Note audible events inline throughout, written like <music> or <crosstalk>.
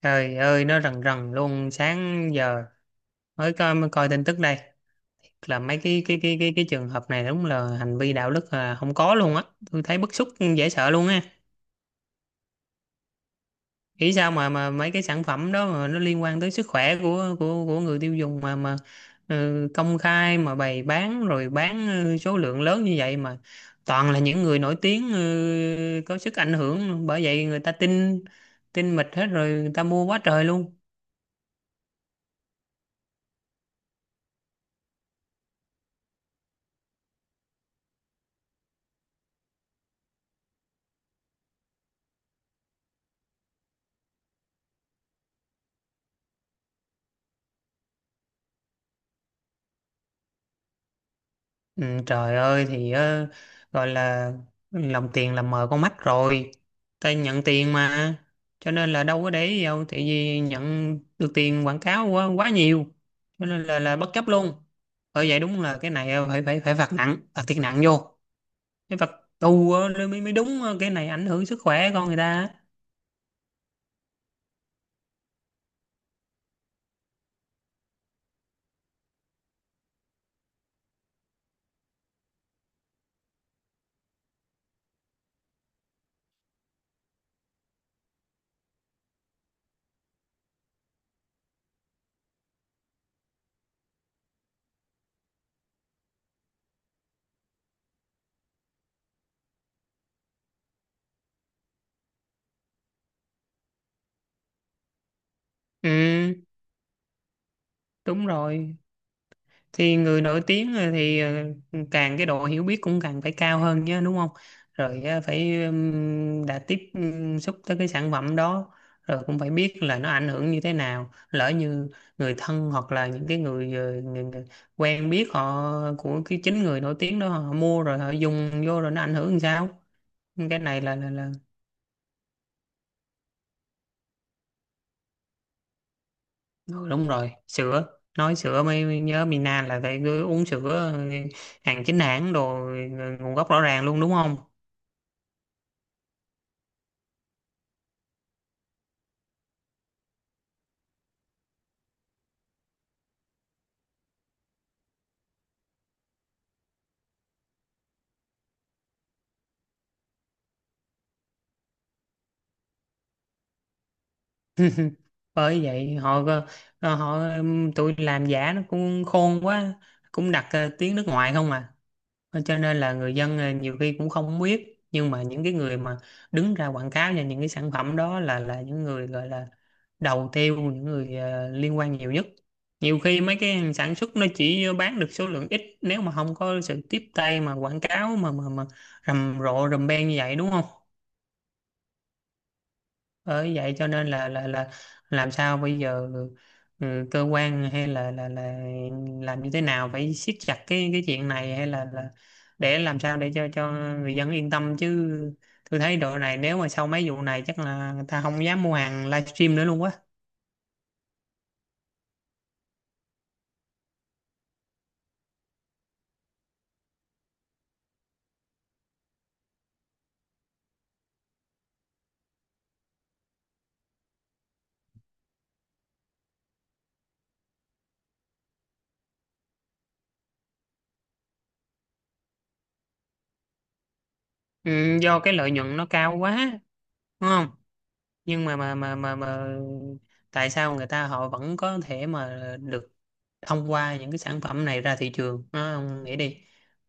Trời ơi, nó rần rần luôn sáng giờ, mới coi tin tức đây. Thiệt là mấy cái trường hợp này đúng là hành vi đạo đức là không có luôn á, tôi thấy bức xúc, dễ sợ luôn á. Nghĩ sao mà mấy cái sản phẩm đó mà nó liên quan tới sức khỏe của người tiêu dùng mà, ừ, công khai mà bày bán rồi bán, số lượng lớn như vậy mà toàn là những người nổi tiếng, có sức ảnh hưởng, bởi vậy người ta tin tin mịt hết rồi, người ta mua quá trời luôn. Ừ, trời ơi thì, gọi là lòng tiền là mờ con mắt rồi, tay nhận tiền mà, cho nên là đâu có để ý gì đâu, tại vì nhận được tiền quảng cáo quá quá nhiều, cho nên là bất chấp luôn. Bởi vậy đúng là cái này, phải phải phải phạt nặng, phạt thiệt nặng vô. Cái phạt tù, mới mới đúng. Ờ, cái này ảnh hưởng sức khỏe con người ta. Ừ, đúng rồi. Thì người nổi tiếng, thì càng cái độ hiểu biết cũng càng phải cao hơn nhé, đúng không? Rồi phải, đã tiếp xúc tới cái sản phẩm đó rồi cũng phải biết là nó ảnh hưởng như thế nào, lỡ như người thân hoặc là những cái người quen biết họ, của cái chính người nổi tiếng đó, họ mua rồi họ dùng vô rồi nó ảnh hưởng làm sao. Cái này là. Ừ, đúng rồi. Sữa, nói sữa mới mới nhớ, Mina là phải cứ uống sữa, hàng chính hãng đồ, nguồn gốc rõ ràng luôn, đúng không? Bởi vậy họ, tụi làm giả nó cũng khôn quá, cũng đặt tiếng nước ngoài không à. Cho nên là người dân, nhiều khi cũng không biết, nhưng mà những cái người mà đứng ra quảng cáo cho những cái sản phẩm đó là những người gọi là đầu tiêu, những người liên quan nhiều nhất. Nhiều khi mấy cái hàng sản xuất nó chỉ bán được số lượng ít, nếu mà không có sự tiếp tay mà quảng cáo mà rầm rộ rầm beng như vậy, đúng không? Bởi vậy cho nên là làm sao bây giờ, cơ quan hay là làm như thế nào, phải siết chặt cái chuyện này hay là để làm sao để cho người dân yên tâm chứ. Tôi thấy độ này, nếu mà sau mấy vụ này chắc là người ta không dám mua hàng livestream nữa luôn quá. Ừ, do cái lợi nhuận nó cao quá, đúng không? Nhưng mà tại sao người ta họ vẫn có thể mà được thông qua những cái sản phẩm này ra thị trường nó, ông nghĩ đi.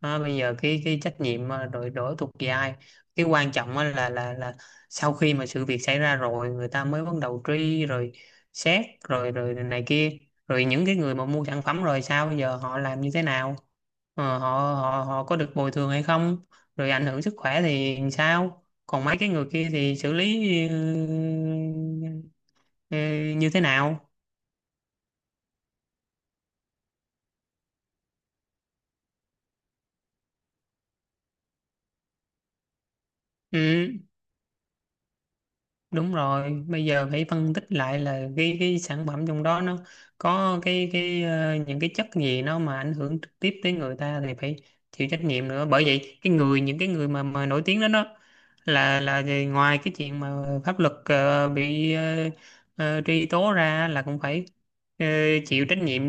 Đó, bây giờ cái trách nhiệm mà đội đổ thuộc về ai? Cái quan trọng á là sau khi mà sự việc xảy ra rồi, người ta mới bắt đầu truy rồi xét rồi rồi này kia. Rồi những cái người mà mua sản phẩm rồi, sao bây giờ họ làm như thế nào? Ờ, họ họ họ có được bồi thường hay không? Rồi ảnh hưởng sức khỏe thì sao? Còn mấy cái người kia thì xử lý ừ, ừ, như thế nào? Ừ. Đúng rồi, bây giờ phải phân tích lại là cái sản phẩm trong đó nó có cái những cái chất gì nó mà ảnh hưởng trực tiếp tới người ta thì phải chịu trách nhiệm nữa. Bởi vậy cái người, những cái người mà nổi tiếng đó đó là ngoài cái chuyện mà pháp luật bị, truy tố ra, là cũng phải ờ, chịu trách nhiệm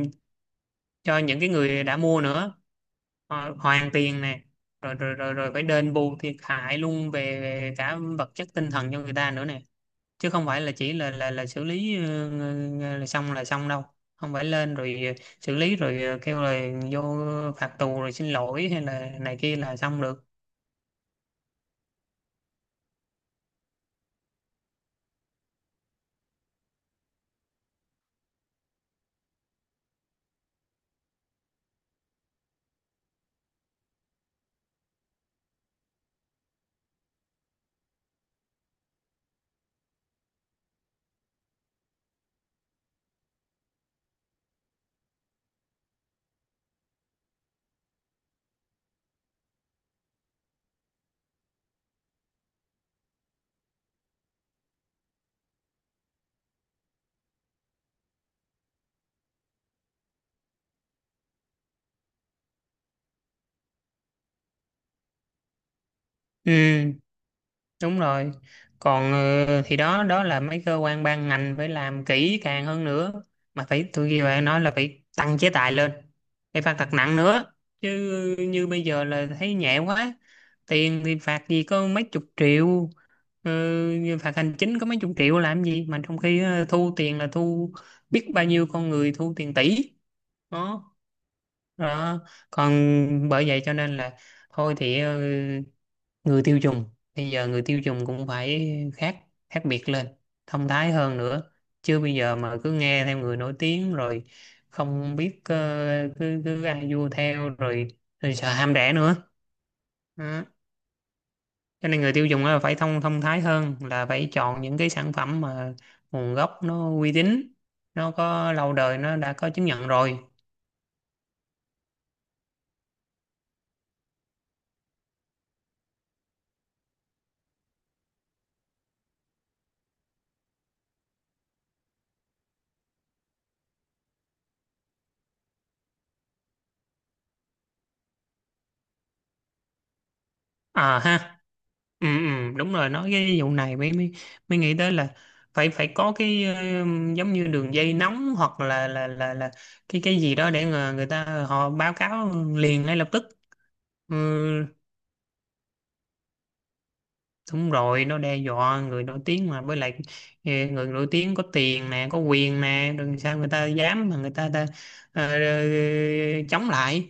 cho những cái người đã mua nữa. Hoàn tiền nè, rồi rồi rồi rồi phải đền bù thiệt hại luôn về cả vật chất tinh thần cho người ta nữa nè, chứ không phải là chỉ là xử lý, là xong đâu. Không phải lên rồi xử lý rồi kêu là vô phạt tù rồi xin lỗi hay là này kia là xong được. Ừ. Đúng rồi. Còn thì đó đó là mấy cơ quan ban ngành phải làm kỹ càng hơn nữa, mà phải, tôi ghi bạn nói là phải tăng chế tài lên, phải phạt thật nặng nữa chứ. Như bây giờ là thấy nhẹ quá, tiền thì phạt gì có mấy chục triệu, ờ, như phạt hành chính có mấy chục triệu làm gì, mà trong khi thu tiền là thu biết bao nhiêu con người, thu tiền tỷ. Đó, đó. Còn, bởi vậy cho nên là, thôi thì, người tiêu dùng, bây giờ người tiêu dùng cũng phải khác khác biệt lên, thông thái hơn nữa chứ. Bây giờ mà cứ nghe theo người nổi tiếng rồi không biết, ờ, cứ cứ ăn vua theo rồi, rồi sợ ham rẻ nữa. Đó. Cho nên người tiêu dùng á, phải thông thông thái hơn, là phải chọn những cái sản phẩm mà nguồn gốc nó uy tín, nó có lâu đời, nó đã có chứng nhận rồi. À ha. Ừ, ừ, đúng rồi. Nói cái vụ này mới mới mới nghĩ tới là phải phải có cái, giống như đường dây nóng hoặc là cái gì đó để người ta họ báo cáo liền ngay lập tức. Ừ, đúng rồi, nó đe dọa người nổi tiếng mà, với lại người nổi tiếng có tiền nè, có quyền nè, đừng sao người ta dám mà người ta ờ, chống lại.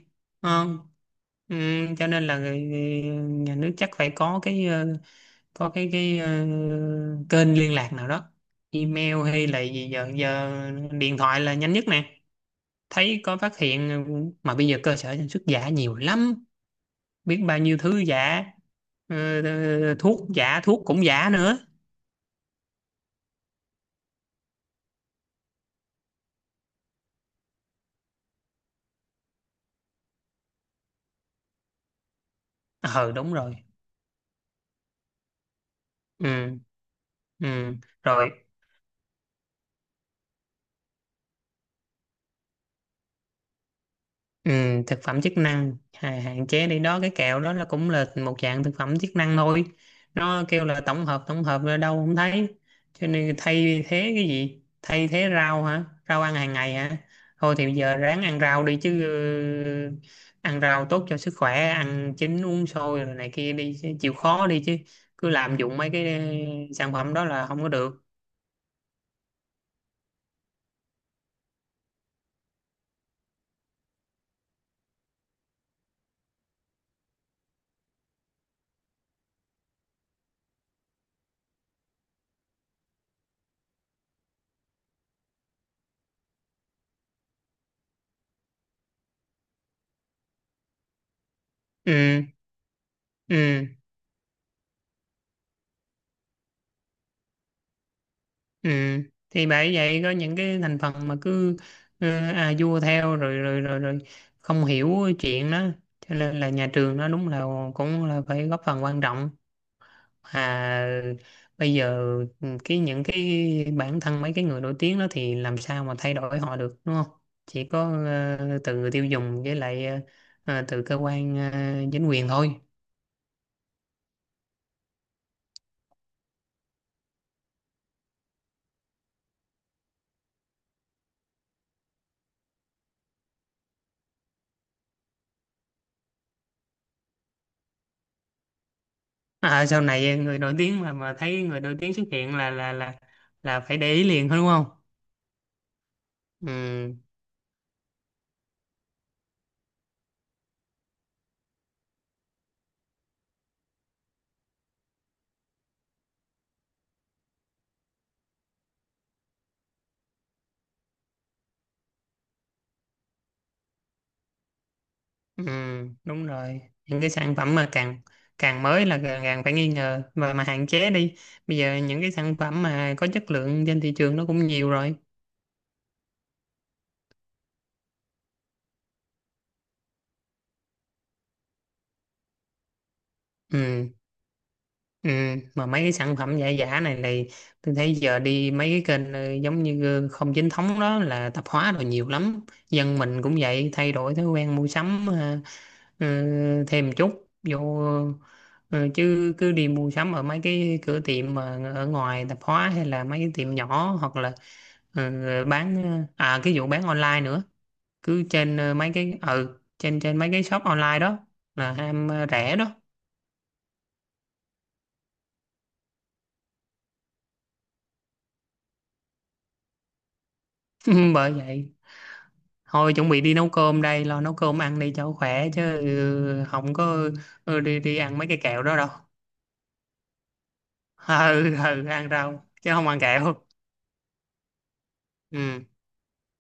Đúng không? Ừ, cho nên là nhà nước chắc phải có cái, có cái kênh liên lạc nào đó, email hay là gì, giờ giờ điện thoại là nhanh nhất nè. Thấy có phát hiện, mà bây giờ cơ sở sản xuất giả nhiều lắm, biết bao nhiêu thứ giả, thuốc cũng giả nữa. Ờ Đúng rồi. Ừ, ừ, rồi. Ừ, thực phẩm chức năng hạn chế đi. Đó, cái kẹo đó là cũng là một dạng thực phẩm chức năng thôi, nó kêu là tổng hợp, tổng hợp là đâu không thấy. Cho nên thay thế cái gì? Thay thế rau hả? Rau ăn hàng ngày hả? Thôi thì bây giờ ráng ăn rau đi chứ, ăn rau tốt cho sức khỏe, ăn chín uống sôi rồi này kia đi chứ, chịu khó đi chứ, cứ lạm dụng mấy cái sản phẩm đó là không có được. Ừ, ừ. Ừ. Thì bởi vậy có những cái thành phần mà cứ à vua theo rồi rồi rồi rồi không hiểu chuyện đó, cho nên là nhà trường nó đúng là cũng là phải góp phần quan trọng. À, bây giờ những cái bản thân mấy cái người nổi tiếng đó thì làm sao mà thay đổi họ được, đúng không? Chỉ có từ người tiêu dùng, với lại từ cơ quan chính quyền thôi. À, sau này người nổi tiếng mà thấy người nổi tiếng xuất hiện là phải để ý liền thôi, đúng không? Ừ, ừ, đúng rồi. Những cái sản phẩm mà càng càng mới là càng, càng phải nghi ngờ và mà hạn chế đi. Bây giờ những cái sản phẩm mà có chất lượng trên thị trường nó cũng nhiều rồi. Ừ, ừ. Mà mấy cái sản phẩm giả giả này này, tôi thấy giờ đi mấy cái kênh, giống như không chính thống đó, là tạp hóa rồi nhiều lắm. Dân mình cũng vậy, thay đổi thói quen mua sắm, Ờ, thêm một chút vô, chứ cứ đi mua sắm ở mấy cái cửa tiệm mà ở ngoài tạp hóa, hay là mấy cái tiệm nhỏ, hoặc là ờ, bán, cái vụ bán online nữa, cứ trên mấy cái, trên trên mấy cái shop online đó là ham rẻ đó. <laughs> Bởi vậy thôi, chuẩn bị đi nấu cơm đây, lo nấu cơm ăn đi cho khỏe chứ, không có đi đi ăn mấy cái kẹo đó đâu. <laughs> Ừ, ừ, ăn rau chứ không ăn kẹo. Ừ.